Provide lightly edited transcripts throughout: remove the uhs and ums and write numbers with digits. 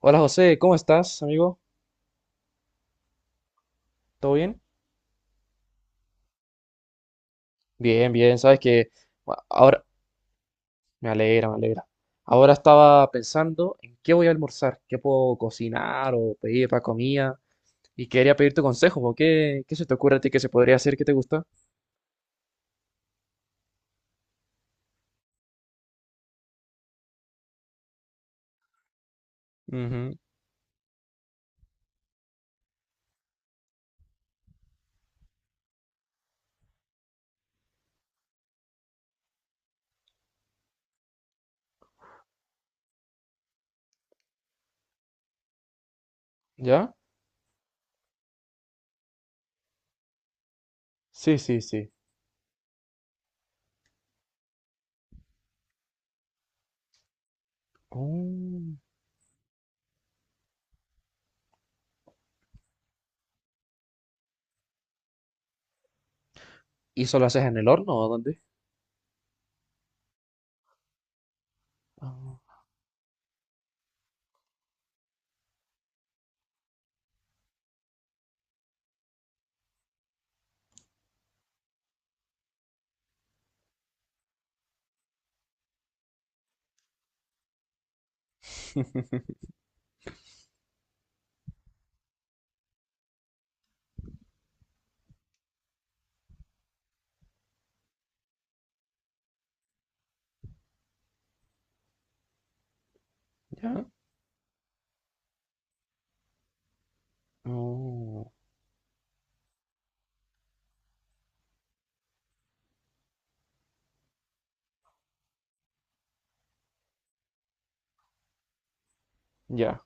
Hola José, ¿cómo estás, amigo? ¿Todo bien? Bien, bien, sabes que bueno, ahora me alegra, me alegra. Ahora estaba pensando en qué voy a almorzar, qué puedo cocinar o pedir para comida y quería pedirte consejo, ¿ qué se te ocurre a ti que se podría hacer que te gusta? Ujú. ¿Ya? Sí, sí, sí. Mm. ¿Y solo haces en el horno o dónde? Ah. ¿Ya? Oh, ya.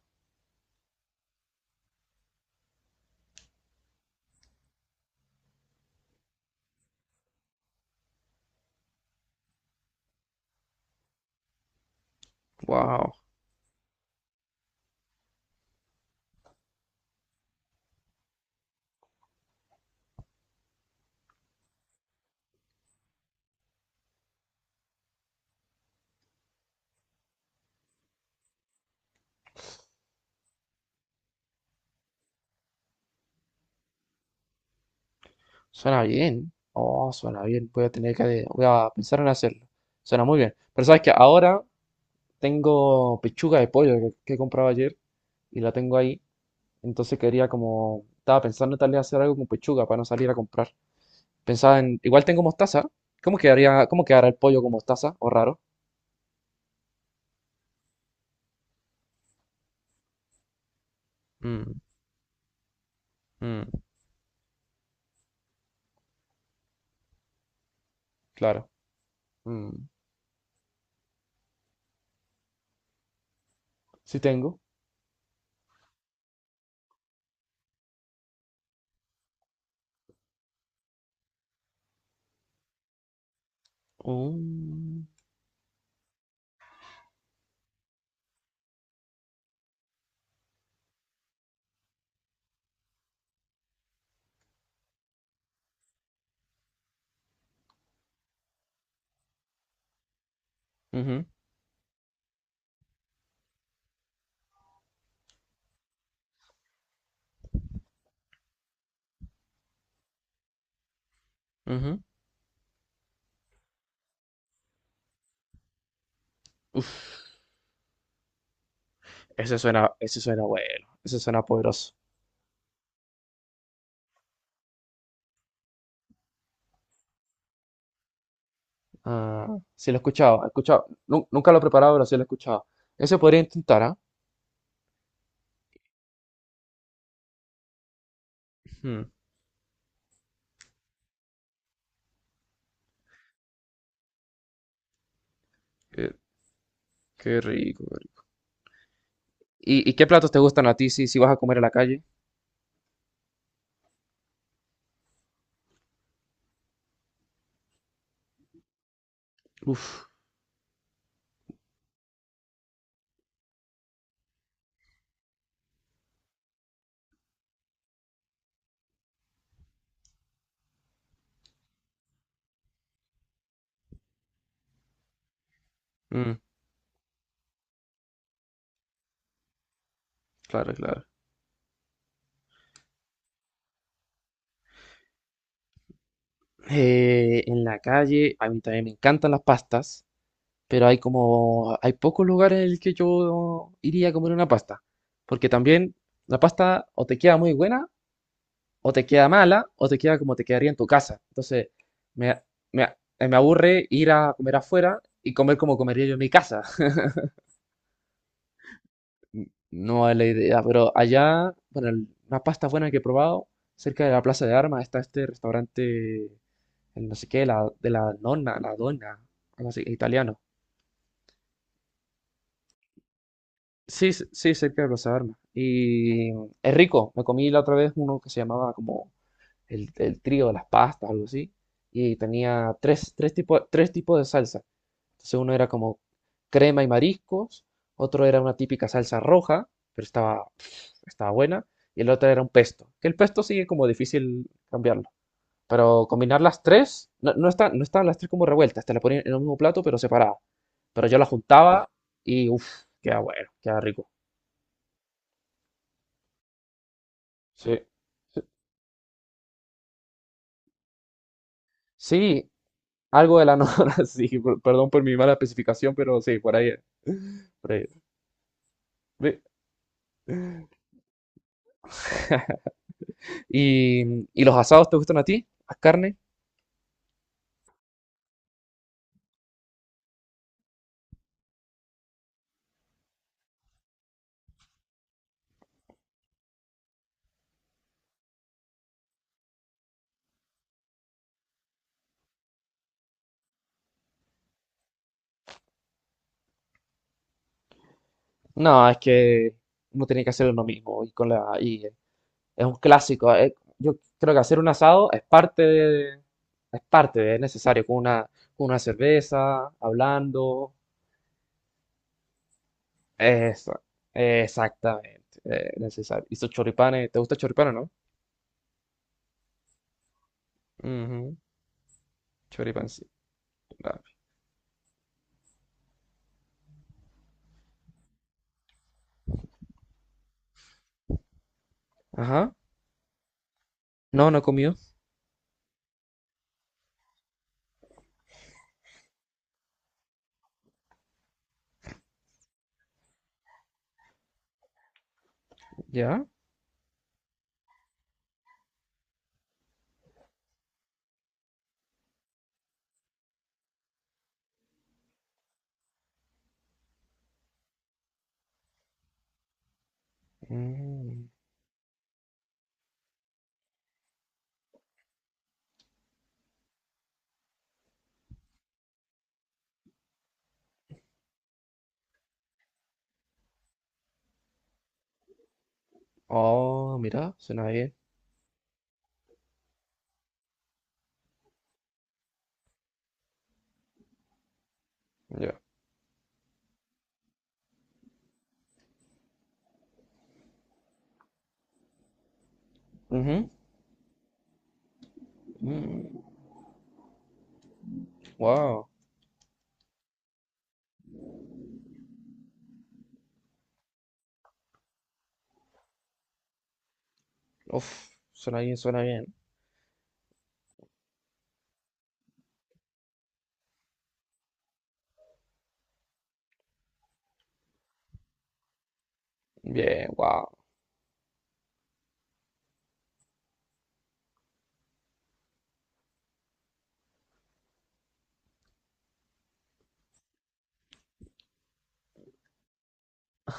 Suena bien. Oh, suena bien. Voy a tener voy a pensar en hacerlo. Suena muy bien. Pero sabes que ahora tengo pechuga de pollo que compraba ayer y la tengo ahí. Entonces quería como, estaba pensando en tal vez hacer algo con pechuga para no salir a comprar. Pensaba en, igual tengo mostaza. ¿Cómo quedará el pollo con mostaza? ¿O raro? Mm, mm. Claro. Mm, sí tengo. Mm, ujú, ujú. Uf, ese suena bueno. Ese suena poderoso. Ah, sí lo he escuchado, he escuchado. Nunca lo he preparado, pero sí lo he escuchado. Eso podría intentar, ¿ah? Mm, qué, qué rico, qué rico. Y qué platos te gustan a ti si vas a comer en la calle? Uf, mm, claro, claro. En la calle, a mí también me encantan las pastas, pero hay como, hay pocos lugares en el que yo iría a comer una pasta, porque también la pasta o te queda muy buena o te queda mala o te queda como te quedaría en tu casa. Entonces, me, me- me aburre ir a comer afuera y comer como comería yo en mi casa. No es la idea, pero allá, bueno, el- una pasta buena que he probado, cerca de la Plaza de Armas está este restaurante, el no sé qué, la, de la nonna, la donna, algo así, italiano. Sí, sí, cerca de Plaza de Armas. Y es rico, me comí la otra vez uno que se llamaba como el trío de las pastas, algo así, y tenía tres tipos de salsa. Entonces uno era como crema y mariscos, otro era una típica salsa roja, pero estaba, estaba buena, y el otro era un pesto. Que el pesto sigue como difícil cambiarlo. Pero combinar las tres, no estaban las tres como revueltas, te las ponían en el mismo plato, pero separada. Pero yo las juntaba y uff, queda bueno, queda rico. Sí. Sí, algo de la nora, sí, perdón por mi mala especificación, pero sí, por ahí Por ahí es. Ve. ¿Y, y los asados te gustan a ti? ¿Las carnes? No, es que uno tiene que hacer uno mismo y con la y es un clásico. Yo creo que hacer un asado es parte es necesario con una cerveza, hablando. Esa- Exactamente, necesario. Y sus choripanes, ¿te gusta el choripán, o no? Ujú. Choripancito. Claro. Ajá. No, no he comido. ¿Ya? Mm. Oh, mira, suena bien. Ya. Ujú. Mm. Wow. Uf, suena bien, suena bien. Bien, wow.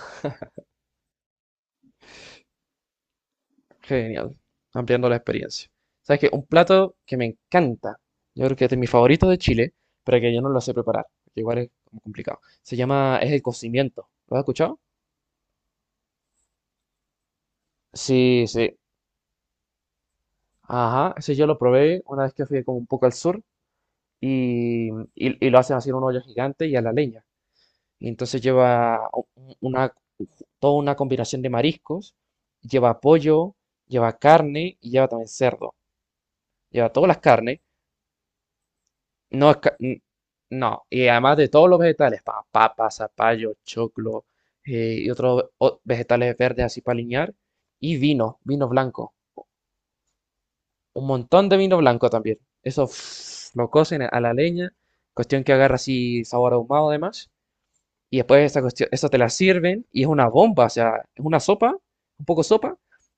Genial, ampliando la experiencia. ¿Sabes qué? Un plato que me encanta, yo creo que este es mi favorito de Chile, pero que yo no lo sé preparar, que igual es como complicado. Se llama, es el cocimiento. ¿Lo has escuchado? Sí, sí. Ajá, ese yo lo probé una vez que fui como un poco al sur y y- lo hacen así en un hoyo gigante y a la leña. Y entonces lleva una, toda una combinación de mariscos, lleva pollo, lleva carne y lleva también cerdo. Lleva todas las carnes. No, es ca- n- no, y además de todos los vegetales, papa, zapallo, choclo, y otros vegetales verdes así para aliñar, y vino, vino blanco, un montón de vino blanco también. Eso lo cocen a la leña, cuestión que agarra así sabor ahumado además, y después esa cuestión, eso te la sirven y es una bomba, o sea, es una sopa, un poco sopa,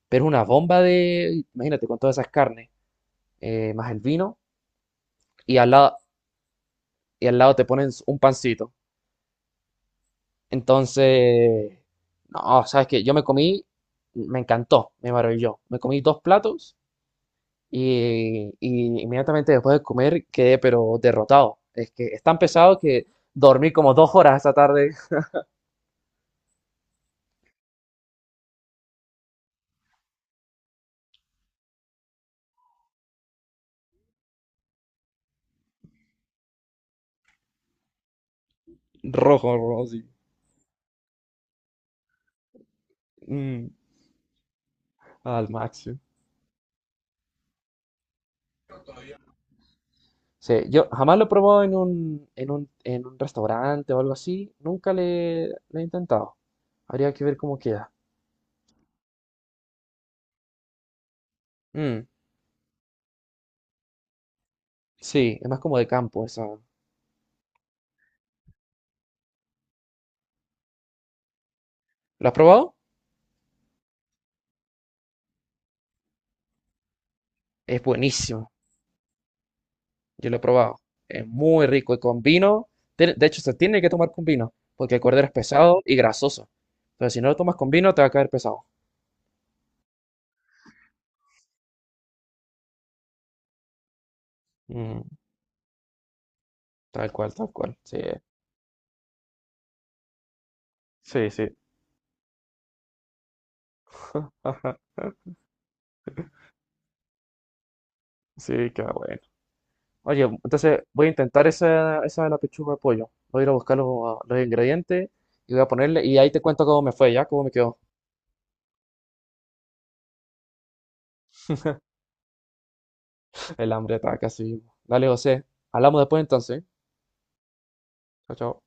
pero es una bomba de, imagínate, con todas esas carnes, más el vino, y al lado, y al lado te ponen un pancito. Entonces, no, sabes que me encantó, me maravilló. Me comí dos platos y inmediatamente después de comer quedé pero derrotado. Es que es tan pesado que dormí como dos horas esta tarde. Rojo, rojo, sí. Mm, al máximo. Sí, yo jamás lo he probado en en un restaurante o algo así. Nunca le he intentado. Habría que ver cómo queda. Mm, sí, es más como de campo esa. ¿Lo has probado? Es buenísimo. Yo lo he probado. Es muy rico y con vino. De hecho, se tiene que tomar con vino, porque el cordero es pesado y grasoso. Entonces, si no lo tomas con vino, te va a caer pesado. Mm, tal cual, tal cual. Sí, sí, sí. Sí, qué bueno. Oye, entonces voy a intentar esa de la pechuga de pollo. Voy a ir a buscar los ingredientes y voy a ponerle. Y ahí te cuento cómo me fue, ya, cómo me quedó. El hambre está casi. Dale, José. Hablamos después entonces. Chao, chao.